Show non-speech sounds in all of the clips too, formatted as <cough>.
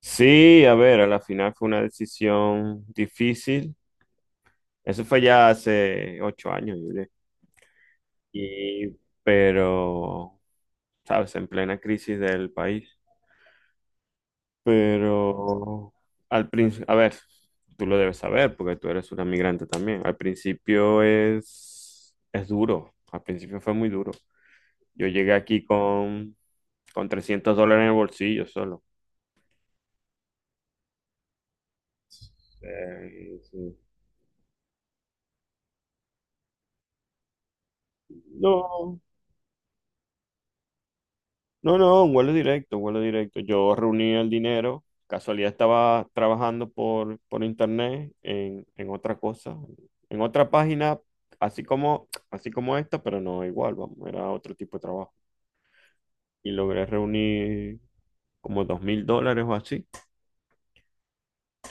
Sí, a ver, a la final fue una decisión difícil. Eso fue ya hace 8 años, yo diría. Y, pero, sabes, en plena crisis del país. Pero, al principio, a ver, tú lo debes saber porque tú eres una migrante también. Al principio es duro. Al principio fue muy duro. Yo llegué aquí con 300 dólares en el bolsillo solo. Sí. No, no, no, un vuelo directo, un vuelo directo. Yo reuní el dinero, casualidad estaba trabajando por internet en otra cosa, en otra página, así como esta, pero no igual, vamos, era otro tipo de trabajo. Y logré reunir como 2.000 dólares o así.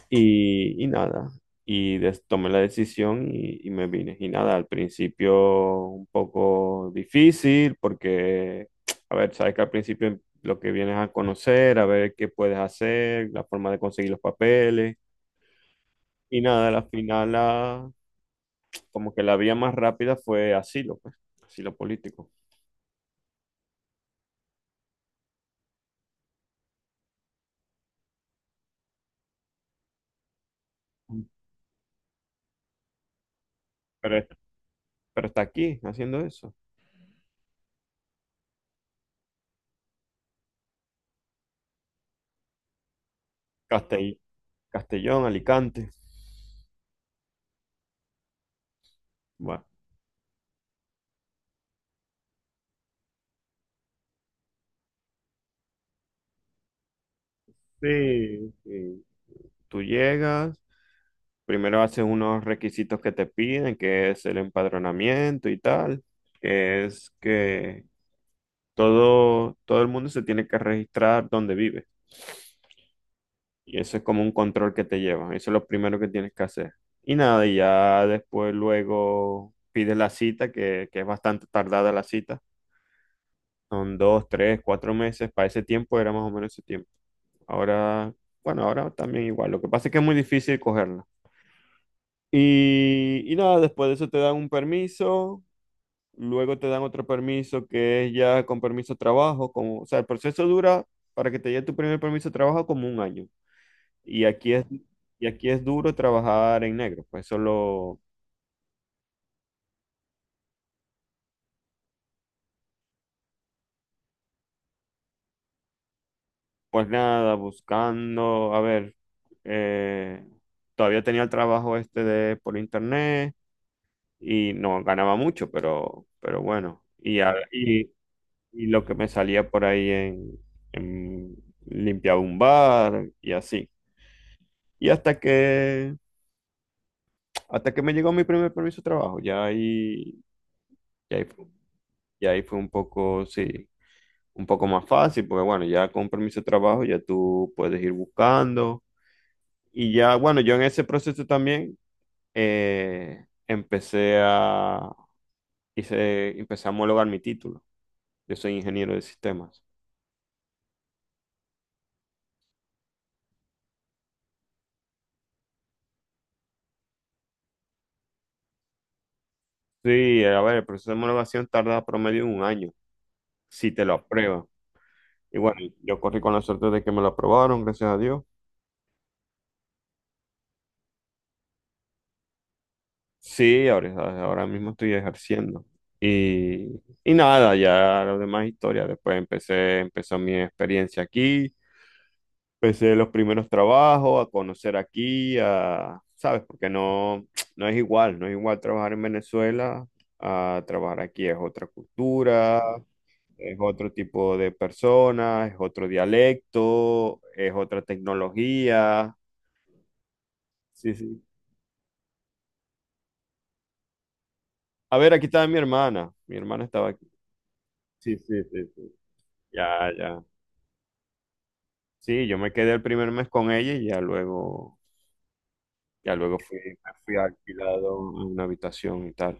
Y nada, y tomé la decisión y me vine. Y nada, al principio un poco difícil porque, a ver, sabes que al principio lo que vienes a conocer, a ver qué puedes hacer, la forma de conseguir los papeles. Y nada, al final como que la vía más rápida fue asilo, pues, asilo político. Pero, pero está aquí haciendo eso. Castell- Castellón, Alicante. Bueno, sí, sí. Tú llegas. Primero haces unos requisitos que te piden, que es el empadronamiento y tal, que es que todo el mundo se tiene que registrar donde vive. Y eso es como un control que te llevan. Eso es lo primero que tienes que hacer. Y nada, y ya después luego pides la cita, que es bastante tardada la cita. Son 2, 3, 4 meses. Para ese tiempo era más o menos ese tiempo. Ahora, bueno, ahora también igual. Lo que pasa es que es muy difícil cogerla. Y nada, después de eso te dan un permiso. Luego te dan otro permiso que es ya con permiso de trabajo, como, o sea, el proceso dura para que te llegue tu primer permiso de trabajo como un año. Y aquí es, y aquí es duro trabajar en negro, pues solo, pues nada, buscando, a ver, eh, todavía tenía el trabajo este de por internet y no ganaba mucho, pero bueno, y lo que me salía por ahí en, limpiaba un bar y así. Y hasta que Hasta que me llegó mi primer permiso de trabajo, ya ahí, fu- ya ahí fue un poco, sí, un poco más fácil, porque bueno, ya con permiso de trabajo ya tú puedes ir buscando. Y ya, bueno, yo en ese proceso también, eh, empecé a, empecé a homologar mi título. Yo soy ingeniero de sistemas. Sí, a ver, el proceso de homologación tarda promedio un año, si te lo aprueban. Y bueno, yo corrí con la suerte de que me lo aprobaron, gracias a Dios. Sí, ahora mismo estoy ejerciendo. Y nada, ya las demás historias. Después empezó mi experiencia aquí. Empecé los primeros trabajos, a conocer aquí, ¿sabes? Porque no, no es igual, no es igual trabajar en Venezuela a trabajar aquí. Es otra cultura, es otro tipo de personas, es otro dialecto, es otra tecnología. Sí, sí. A ver, aquí estaba mi hermana. Mi hermana estaba aquí. Sí, sí, sí, sí. Ya, ya. Sí, yo me quedé el primer mes con ella y ya luego fui, me fui alquilado a una habitación y tal.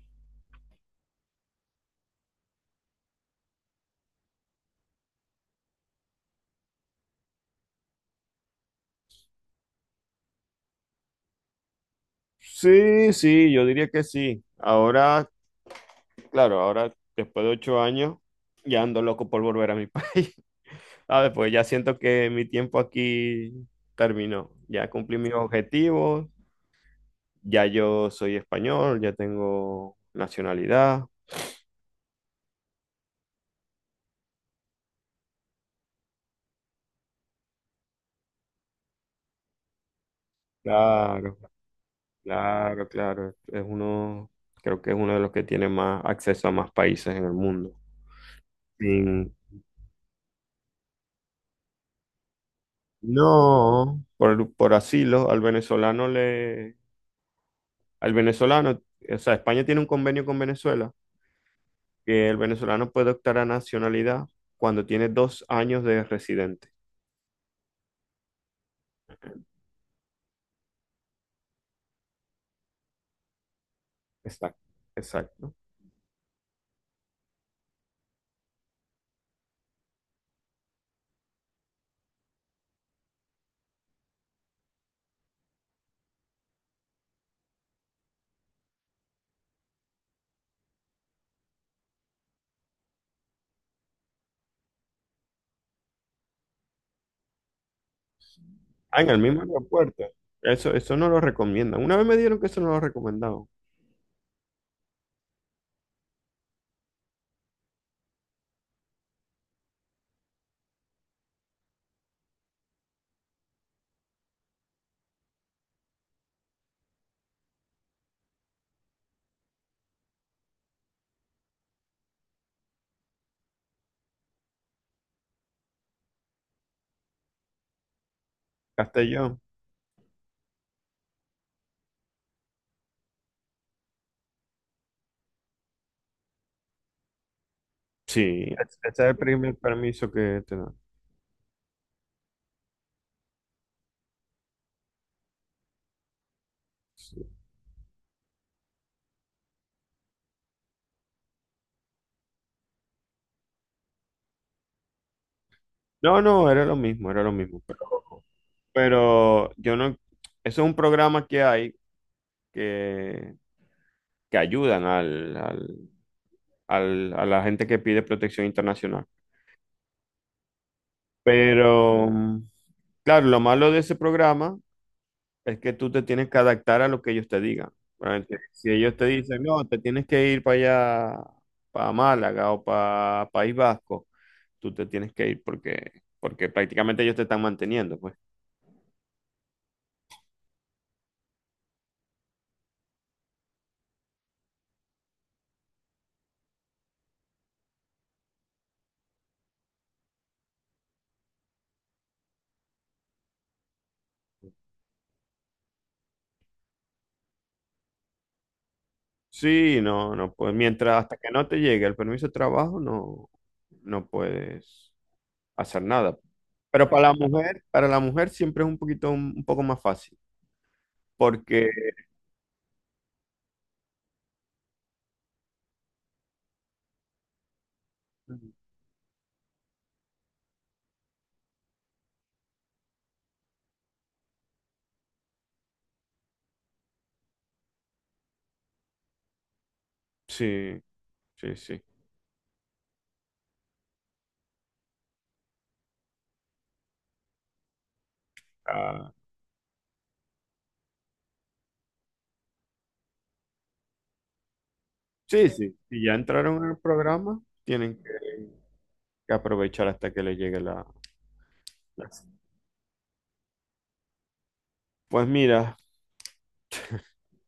Sí, sí, yo diría que sí. Ahora, claro, ahora después de 8 años, ya ando loco por volver a mi <laughs> país. Ah, después ya siento que mi tiempo aquí terminó. Ya cumplí mis objetivos, ya yo soy español, ya tengo nacionalidad. Claro. Claro, claro. Es uno, creo que es uno de los que tiene más acceso a más países en el mundo. Sin- No, por asilo, al venezolano, o sea, España tiene un convenio con Venezuela, que el venezolano puede optar a nacionalidad cuando tiene 2 años de residente. Exacto, exacto. Ah, en el mismo aeropuerto. Eso no lo recomiendan. Una vez me dieron que eso no lo recomendaban. Castellón. Sí, ese es el primer permiso que te dan. Sí. No, no, era lo mismo, era lo mismo. Pero yo no, eso es un programa que hay que, que ayudan a la gente que pide protección internacional. Pero, claro, lo malo de ese programa es que tú te tienes que adaptar a lo que ellos te digan. Realmente, si ellos te dicen, no, te tienes que ir para allá, para Málaga o para País Vasco, tú te tienes que ir porque prácticamente ellos te están manteniendo, pues. Sí, no, no puedes. Mientras hasta que no te llegue el permiso de trabajo, no, no puedes hacer nada. Pero para la mujer siempre es un poco más fácil. Porque sí, sí, sí. Ah, sí, sí. Si ya entraron en el programa, tienen que aprovechar hasta que les llegue. La- Pues mira,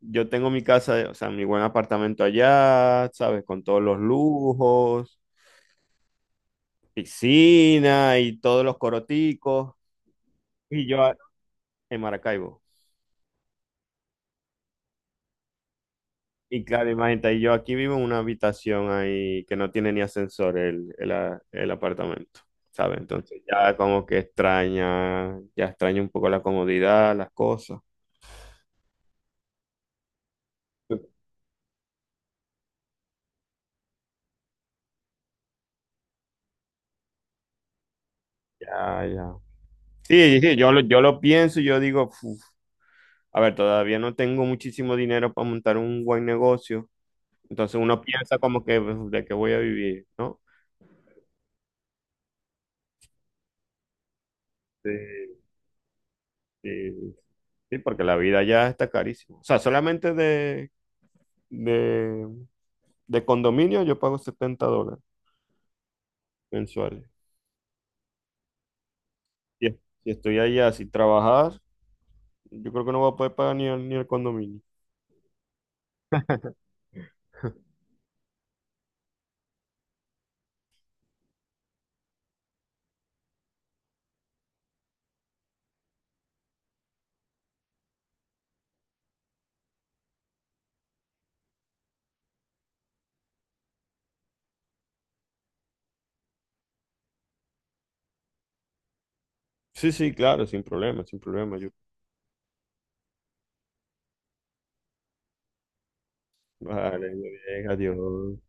yo tengo mi casa, o sea, mi buen apartamento allá, ¿sabes? Con todos los lujos, piscina y todos los coroticos. Y yo, en Maracaibo. Y claro, imagínate, yo aquí vivo en una habitación ahí que no tiene ni ascensor el apartamento, ¿sabes? Entonces ya como que extraña, ya extraña un poco la comodidad, las cosas. Ya, ya. Sí, sí, sí, yo lo pienso y yo digo, "Uf, a ver, todavía no tengo muchísimo dinero para montar un buen negocio. Entonces uno piensa como que "Uf, de qué voy a vivir, ¿no? Sí, sí, sí, porque la vida ya está carísima. O sea, solamente de, de, De, condominio yo pago 70 dólares mensuales. Si si estoy allá sin trabajar, yo creo que no voy a poder pagar ni el, condominio. Sí, sí, claro, sin problema, sin problema. Yo, vale, bien, adiós.